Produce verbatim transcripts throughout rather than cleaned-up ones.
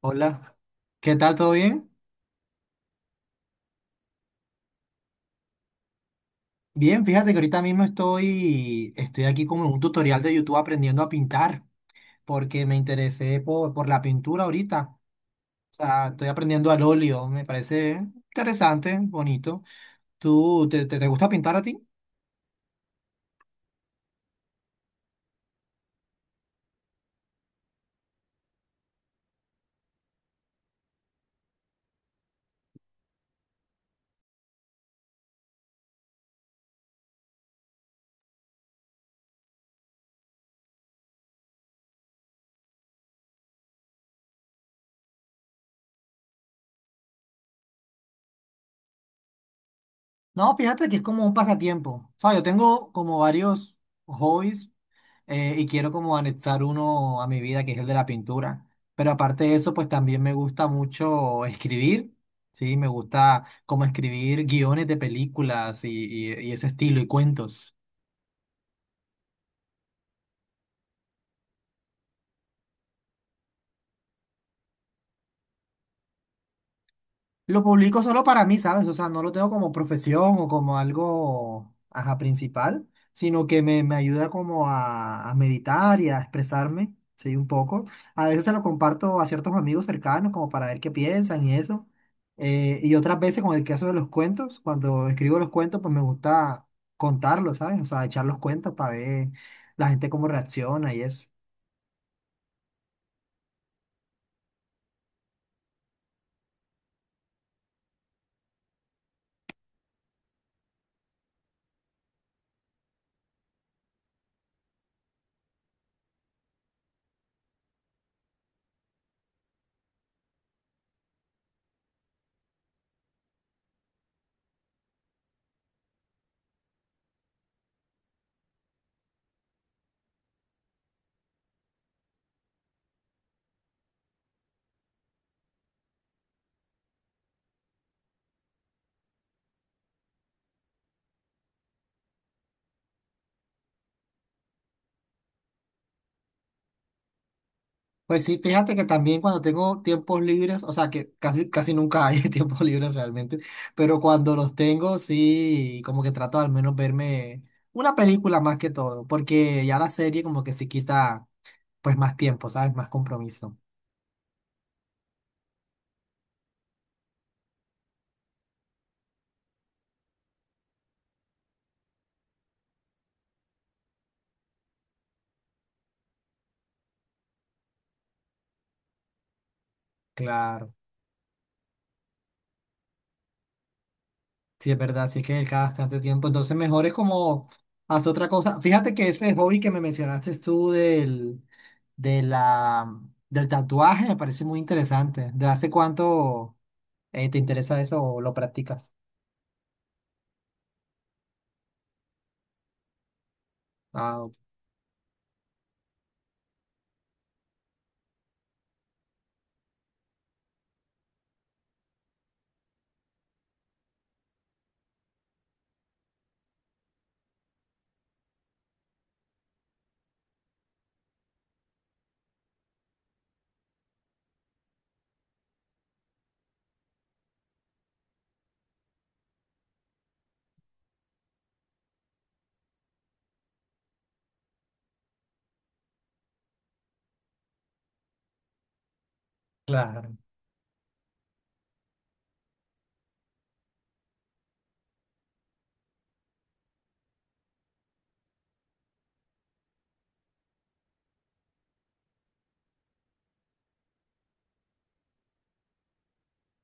Hola, ¿qué tal? ¿Todo bien? Bien, fíjate que ahorita mismo estoy, estoy aquí como en un tutorial de YouTube aprendiendo a pintar, porque me interesé por, por la pintura ahorita. O sea, estoy aprendiendo al óleo, me parece interesante, bonito. ¿Tú te, te, te gusta pintar a ti? No, fíjate que es como un pasatiempo. O sea, yo tengo como varios hobbies eh, y quiero como anexar uno a mi vida, que es el de la pintura. Pero aparte de eso, pues también me gusta mucho escribir, ¿sí? Me gusta como escribir guiones de películas y, y- y ese estilo y cuentos. Lo publico solo para mí, ¿sabes? O sea, no lo tengo como profesión o como algo, ajá, principal, sino que me, me ayuda como a, a meditar y a expresarme, sí, un poco. A veces se lo comparto a ciertos amigos cercanos como para ver qué piensan y eso. Eh, y otras veces con el caso de los cuentos, cuando escribo los cuentos, pues me gusta contarlos, ¿sabes? O sea, echar los cuentos para ver la gente cómo reacciona y eso. Pues sí, fíjate que también cuando tengo tiempos libres, o sea que casi, casi nunca hay tiempos libres realmente, pero cuando los tengo, sí, como que trato al menos verme una película más que todo, porque ya la serie como que sí quita pues más tiempo, ¿sabes? Más compromiso. Claro, sí es verdad, sí es que cada bastante tiempo, entonces mejor es como hacer otra cosa. Fíjate que ese hobby que me mencionaste tú del, de la, del tatuaje me parece muy interesante. ¿De hace cuánto? Eh, ¿te interesa eso o lo practicas? Ah, ok. Claro,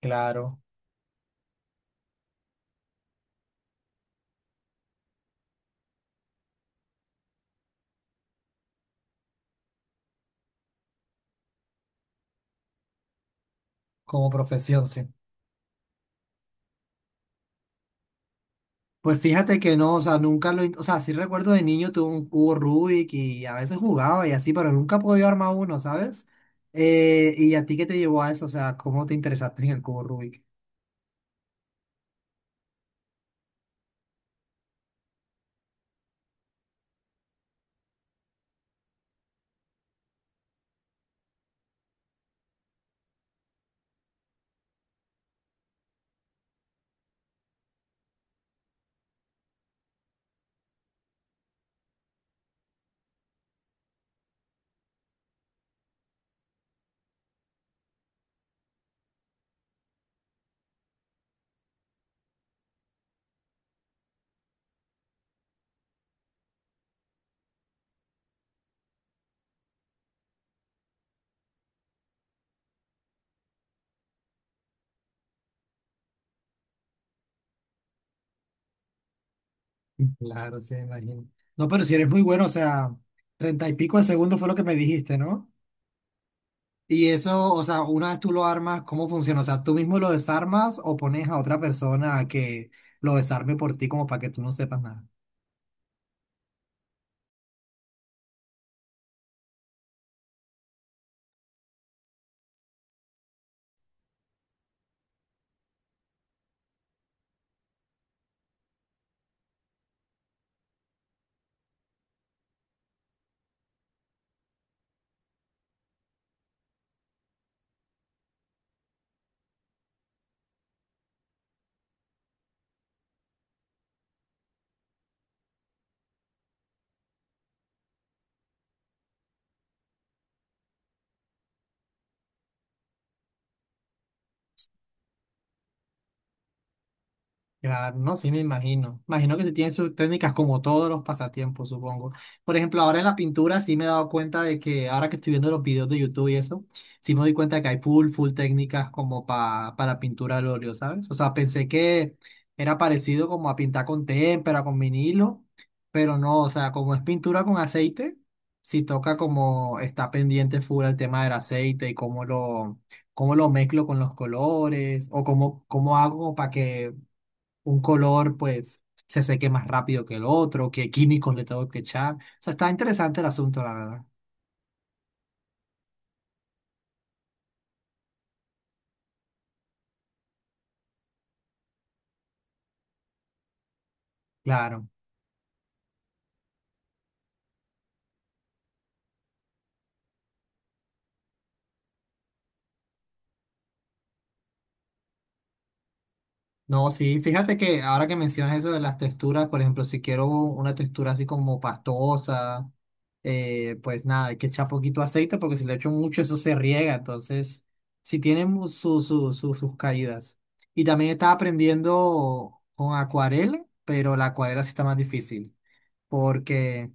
claro, como profesión, sí. Pues fíjate que no, o sea, nunca lo, in- o sea, sí recuerdo de niño tuve un cubo Rubik y a veces jugaba y así, pero nunca he podido armar uno, ¿sabes? Eh, ¿y a ti qué te llevó a eso? O sea, ¿cómo te interesaste en el cubo Rubik? Claro, se imagino. No, pero si eres muy bueno, o sea, treinta y pico de segundo fue lo que me dijiste, ¿no? Y eso, o sea, una vez tú lo armas, ¿cómo funciona? O sea, ¿tú mismo lo desarmas o pones a otra persona a que lo desarme por ti como para que tú no sepas nada? Claro, no, sí me imagino. Imagino que sí tienen sus técnicas como todos los pasatiempos, supongo. Por ejemplo, ahora en la pintura sí me he dado cuenta de que ahora que estoy viendo los videos de YouTube y eso, sí me doy cuenta de que hay full, full técnicas como pa- para pintura al óleo, ¿sabes? O sea, pensé que era parecido como a pintar con témpera, con vinilo, pero no, o sea, como es pintura con aceite, sí toca como está pendiente full el tema del aceite y cómo lo... cómo lo mezclo con los colores o cómo, cómo hago para que un color pues se seque más rápido que el otro, qué químicos le tengo que echar. O sea, está interesante el asunto, la verdad. Claro. No, sí, fíjate que ahora que mencionas eso de las texturas, por ejemplo, si quiero una textura así como pastosa, eh, pues nada, hay que echar poquito aceite porque si le echo mucho eso se riega, entonces sí tienen su, su- su- sus caídas. Y también estaba aprendiendo con acuarela, pero la acuarela sí está más difícil porque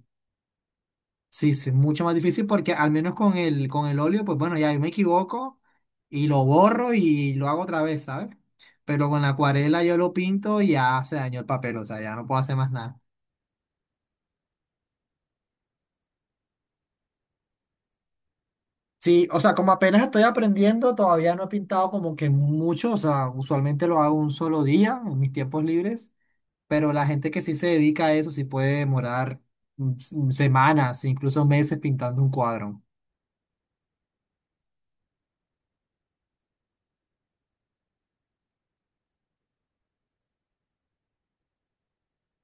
sí, sí, es mucho más difícil porque al menos con el, con el óleo, pues bueno, ya yo me equivoco y lo borro y lo hago otra vez, ¿sabes? Pero con la acuarela yo lo pinto y ya se dañó el papel, o sea, ya no puedo hacer más nada. Sí, o sea, como apenas estoy aprendiendo, todavía no he pintado como que mucho, o sea, usualmente lo hago un solo día en mis tiempos libres, pero la gente que sí se dedica a eso sí puede demorar mm, s- mm, semanas, incluso meses pintando un cuadro.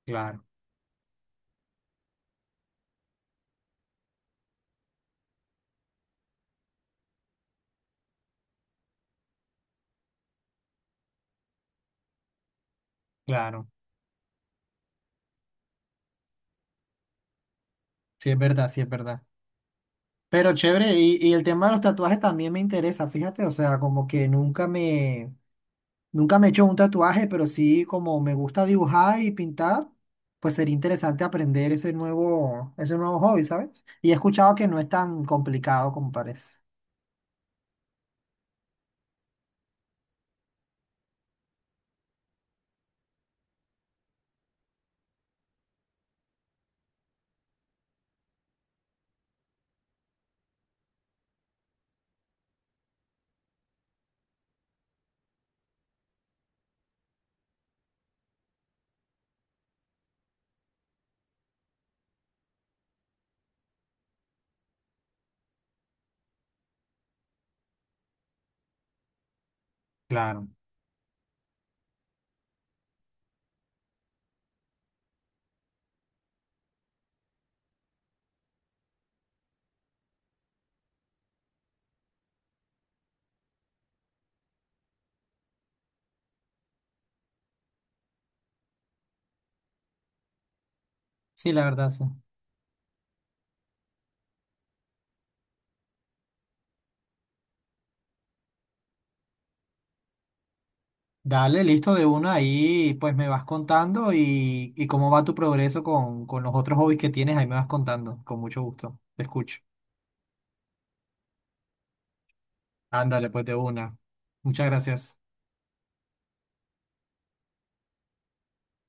Claro, claro. Sí, es verdad, sí, es verdad. Pero chévere, y, y el tema de los tatuajes también me interesa, fíjate, o sea, como que nunca me, nunca me he hecho un tatuaje, pero sí como me gusta dibujar y pintar, pues sería interesante aprender ese nuevo, ese nuevo hobby, ¿sabes? Y he escuchado que no es tan complicado como parece. Claro, sí, la verdad, sí. Dale, listo de una ahí, pues me vas contando y, y cómo va tu progreso con, con los otros hobbies que tienes, ahí me vas contando, con mucho gusto, te escucho. Ándale, pues de una. Muchas gracias.